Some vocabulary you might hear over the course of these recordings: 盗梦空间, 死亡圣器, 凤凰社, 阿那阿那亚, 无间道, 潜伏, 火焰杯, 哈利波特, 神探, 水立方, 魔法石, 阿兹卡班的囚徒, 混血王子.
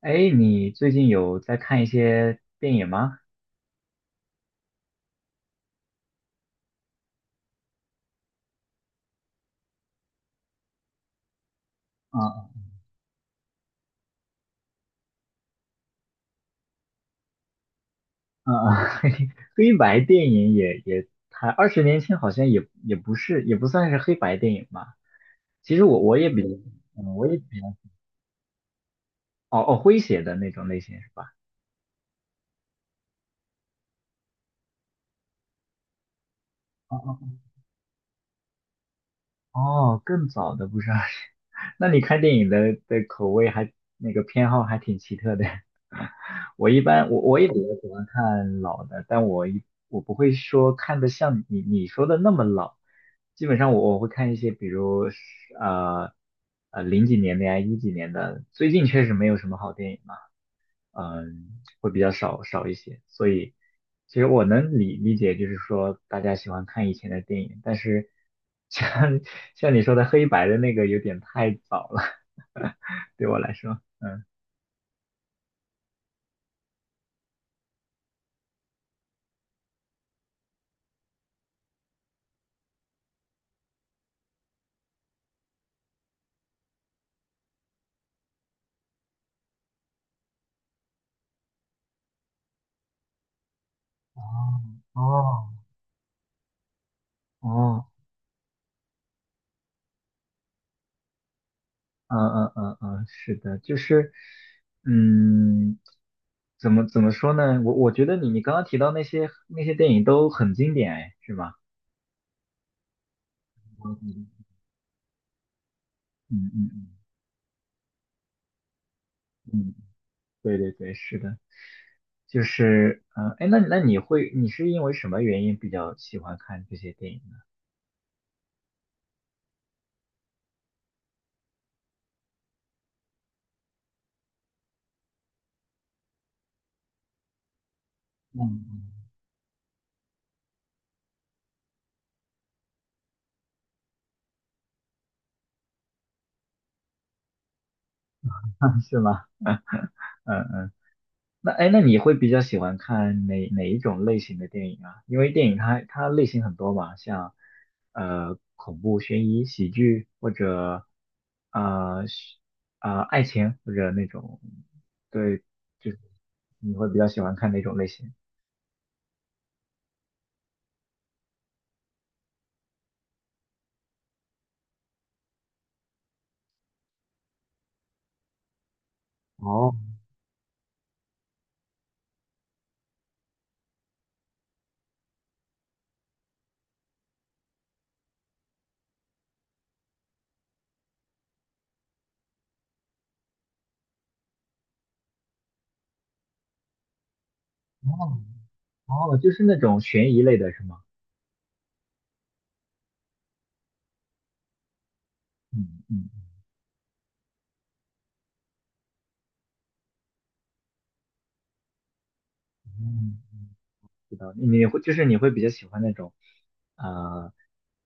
哎，你最近有在看一些电影吗？啊啊，啊黑白电影也，它二十年前好像也不是，也不算是黑白电影吧。其实我也比，嗯，我也比较，哦哦，诙谐的那种类型是吧？哦哦哦，更早的不是。 那你看电影的口味还那个偏好还挺奇特的。我一般我也比较喜欢看老的，但我一我不会说看的像你说的那么老，基本上我会看一些，比如是呃零几年的呀，一几年的，最近确实没有什么好电影，了。嗯，会比较少一些。所以，其实我能理解，就是说大家喜欢看以前的电影，但是像 像你说的黑白的那个有点太早了，对我来说。哦哦，嗯，是的，就是，嗯，怎么说呢？我觉得你刚刚提到那些电影都很经典，哎，是吗？嗯嗯。对对对，是的，就是嗯哎，那你会你是因为什么原因比较喜欢看这些电影呢？嗯。嗯，是吗？嗯嗯。那哎，那你会比较喜欢看哪一种类型的电影啊？因为电影它类型很多嘛，像恐怖、悬疑、喜剧或者呃是爱情或者那种，对，就是你会比较喜欢看哪种类型？哦哦哦，就是那种悬疑类的是吗？嗯嗯嗯，知道。你会就是你会比较喜欢那种呃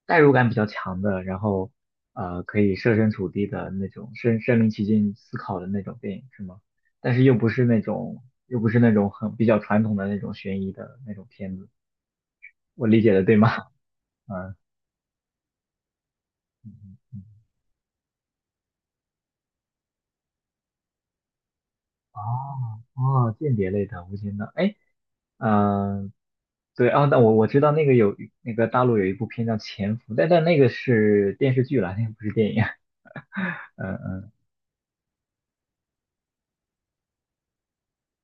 代入感比较强的，然后可以设身处地的那种身临其境思考的那种电影是吗？但是又不是那种又不是那种很比较传统的那种悬疑的那种片子，我理解的对吗？嗯。哦哦，间谍类的无间道，哎，嗯、对啊，那我知道那个有那个大陆有一部片叫《潜伏》，但那个是电视剧了，那个不是电影。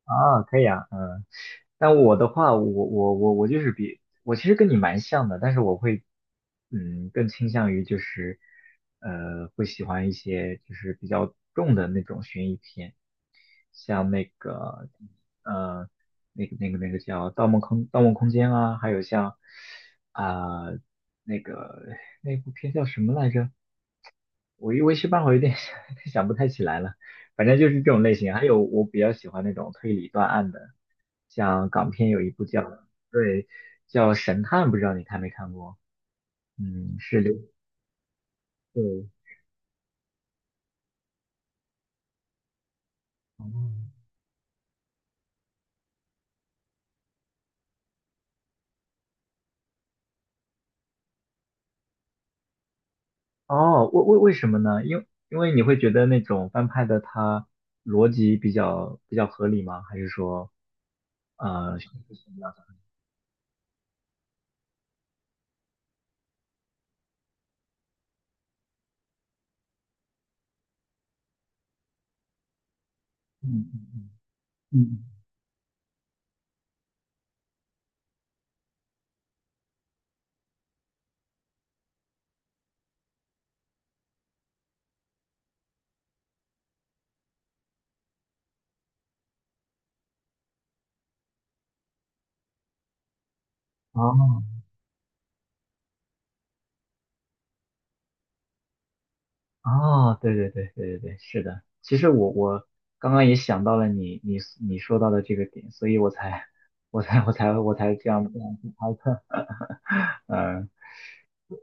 啊，可以啊，嗯。但我的话，我就是比我其实跟你蛮像的，但是我会，嗯，更倾向于就是，会喜欢一些就是比较重的那种悬疑片，像那个，呃，那个那个那个叫《盗梦空间》啊，还有像啊、那个那部片叫什么来着？我一我一时半会儿有点想 想不太起来了，反正就是这种类型。还有我比较喜欢那种推理断案的。像港片有一部叫对叫《神探》，不知道你看没看过？嗯，是刘对哦。为什么呢？因为因为你会觉得那种翻拍的它逻辑比较合理吗？还是说呃嗯嗯嗯嗯嗯哦哦，对对对对对对，是的。其实我我刚刚也想到了你你你说到的这个点，所以我才这样这样去猜测，嗯、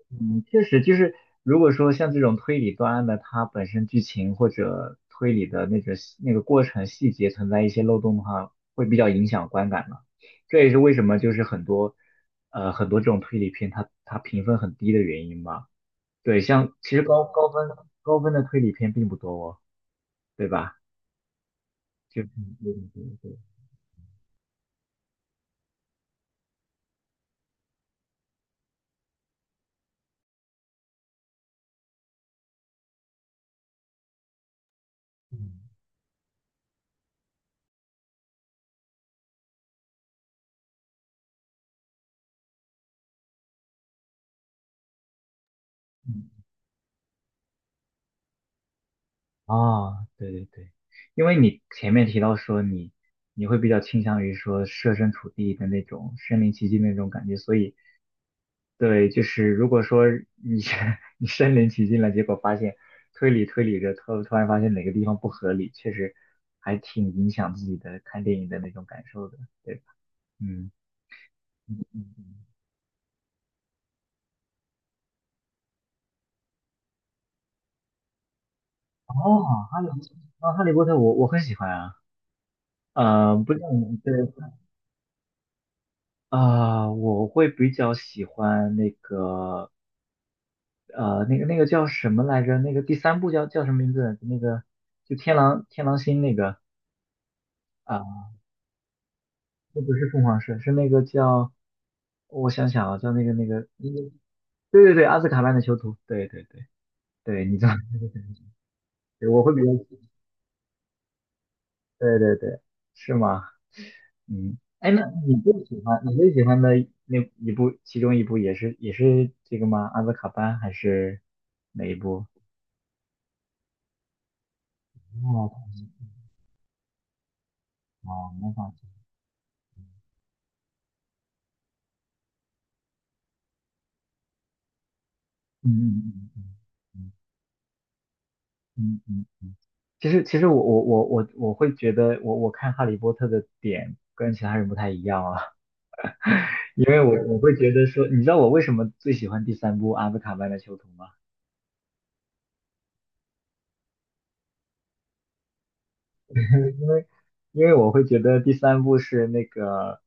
嗯，确实，就是如果说像这种推理断案的，它本身剧情或者推理的那个过程细节存在一些漏洞的话，会比较影响观感嘛。这也是为什么就是很多很多这种推理片它评分很低的原因吧。对，像其实高分高分的推理片并不多哦，对吧？就嗯对对对对嗯哦，对对对。因为你前面提到说你你会比较倾向于说设身处地的那种身临其境的那种感觉，所以对，就是如果说你 你身临其境了，结果发现推理着，突然发现哪个地方不合理，确实还挺影响自己的看电影的那种感受的，对吧？嗯。哦，哈利啊，哦哈利波特我很喜欢啊，不像对。啊、我会比较喜欢那个，那个那个叫什么来着？那个第三部叫叫什么名字？那个就天狼星那个啊，那不是凤凰社，是那个叫我想想啊，叫那个那个那个，对对对，阿兹卡班的囚徒，对对对对，你知道那个什么对。 我会比较，对对对，是吗？嗯，哎，那你最喜欢的那一部，其中一部也是也是这个吗？阿兹卡班还是哪一部？哦，哦，模仿，嗯嗯嗯嗯嗯。嗯其实，其实我会觉得我，我看《哈利波特》的点跟其他人不太一样啊。因为我会觉得说，你知道我为什么最喜欢第三部《阿兹卡班的囚徒》吗？因为因为我会觉得第三部是那个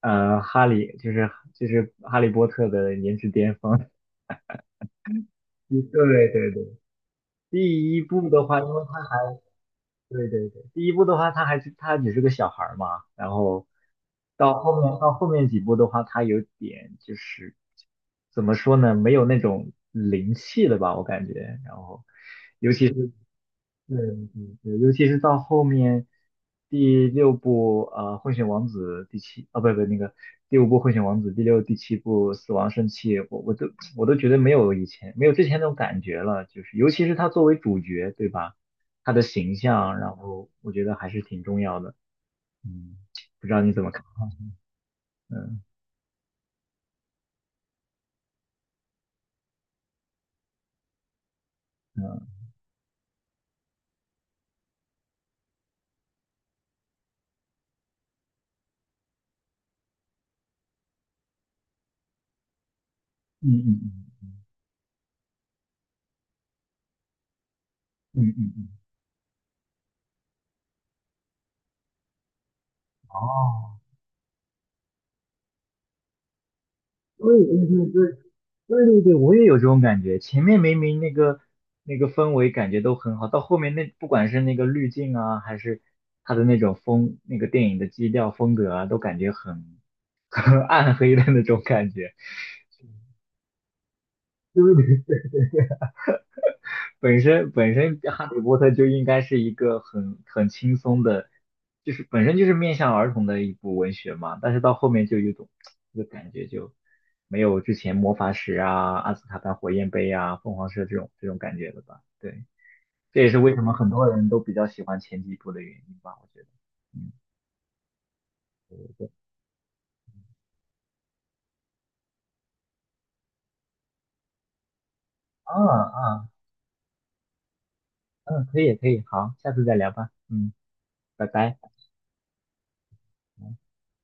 哈利，就是哈利波特的颜值巅峰。对对对，第一部的话，因为它还对对对，第一部的话，他还是他只是个小孩儿嘛，然后到后面几部的话，他有点就是怎么说呢，没有那种灵气了吧，我感觉。然后尤其是对对对，尤其是到后面第六部《混血王子》第七啊，不不那个第五部《混血王子》第六、第七部《死亡圣器》，我都我都觉得没有以前没有之前那种感觉了，就是尤其是他作为主角，对吧？他的形象，然后我觉得还是挺重要的。嗯，不知道你怎么看？嗯嗯嗯嗯嗯，哦。对对对对对对，我也有这种感觉。前面明明那个那个氛围感觉都很好，到后面那不管是那个滤镜啊，还是它的那种风，那个电影的基调风格啊，都感觉很 很暗黑的那种感觉。对不对？本身《哈利波特》就应该是一个很轻松的，就是本身就是面向儿童的一部文学嘛。但是到后面就有一种就感觉就没有之前魔法石啊、阿斯卡班火焰杯啊、凤凰社这种感觉了吧？对。这也是为什么很多人都比较喜欢前几部的原因吧，我觉得。嗯。啊啊，嗯，可以可以，好，下次再聊吧。嗯，拜拜。嗯。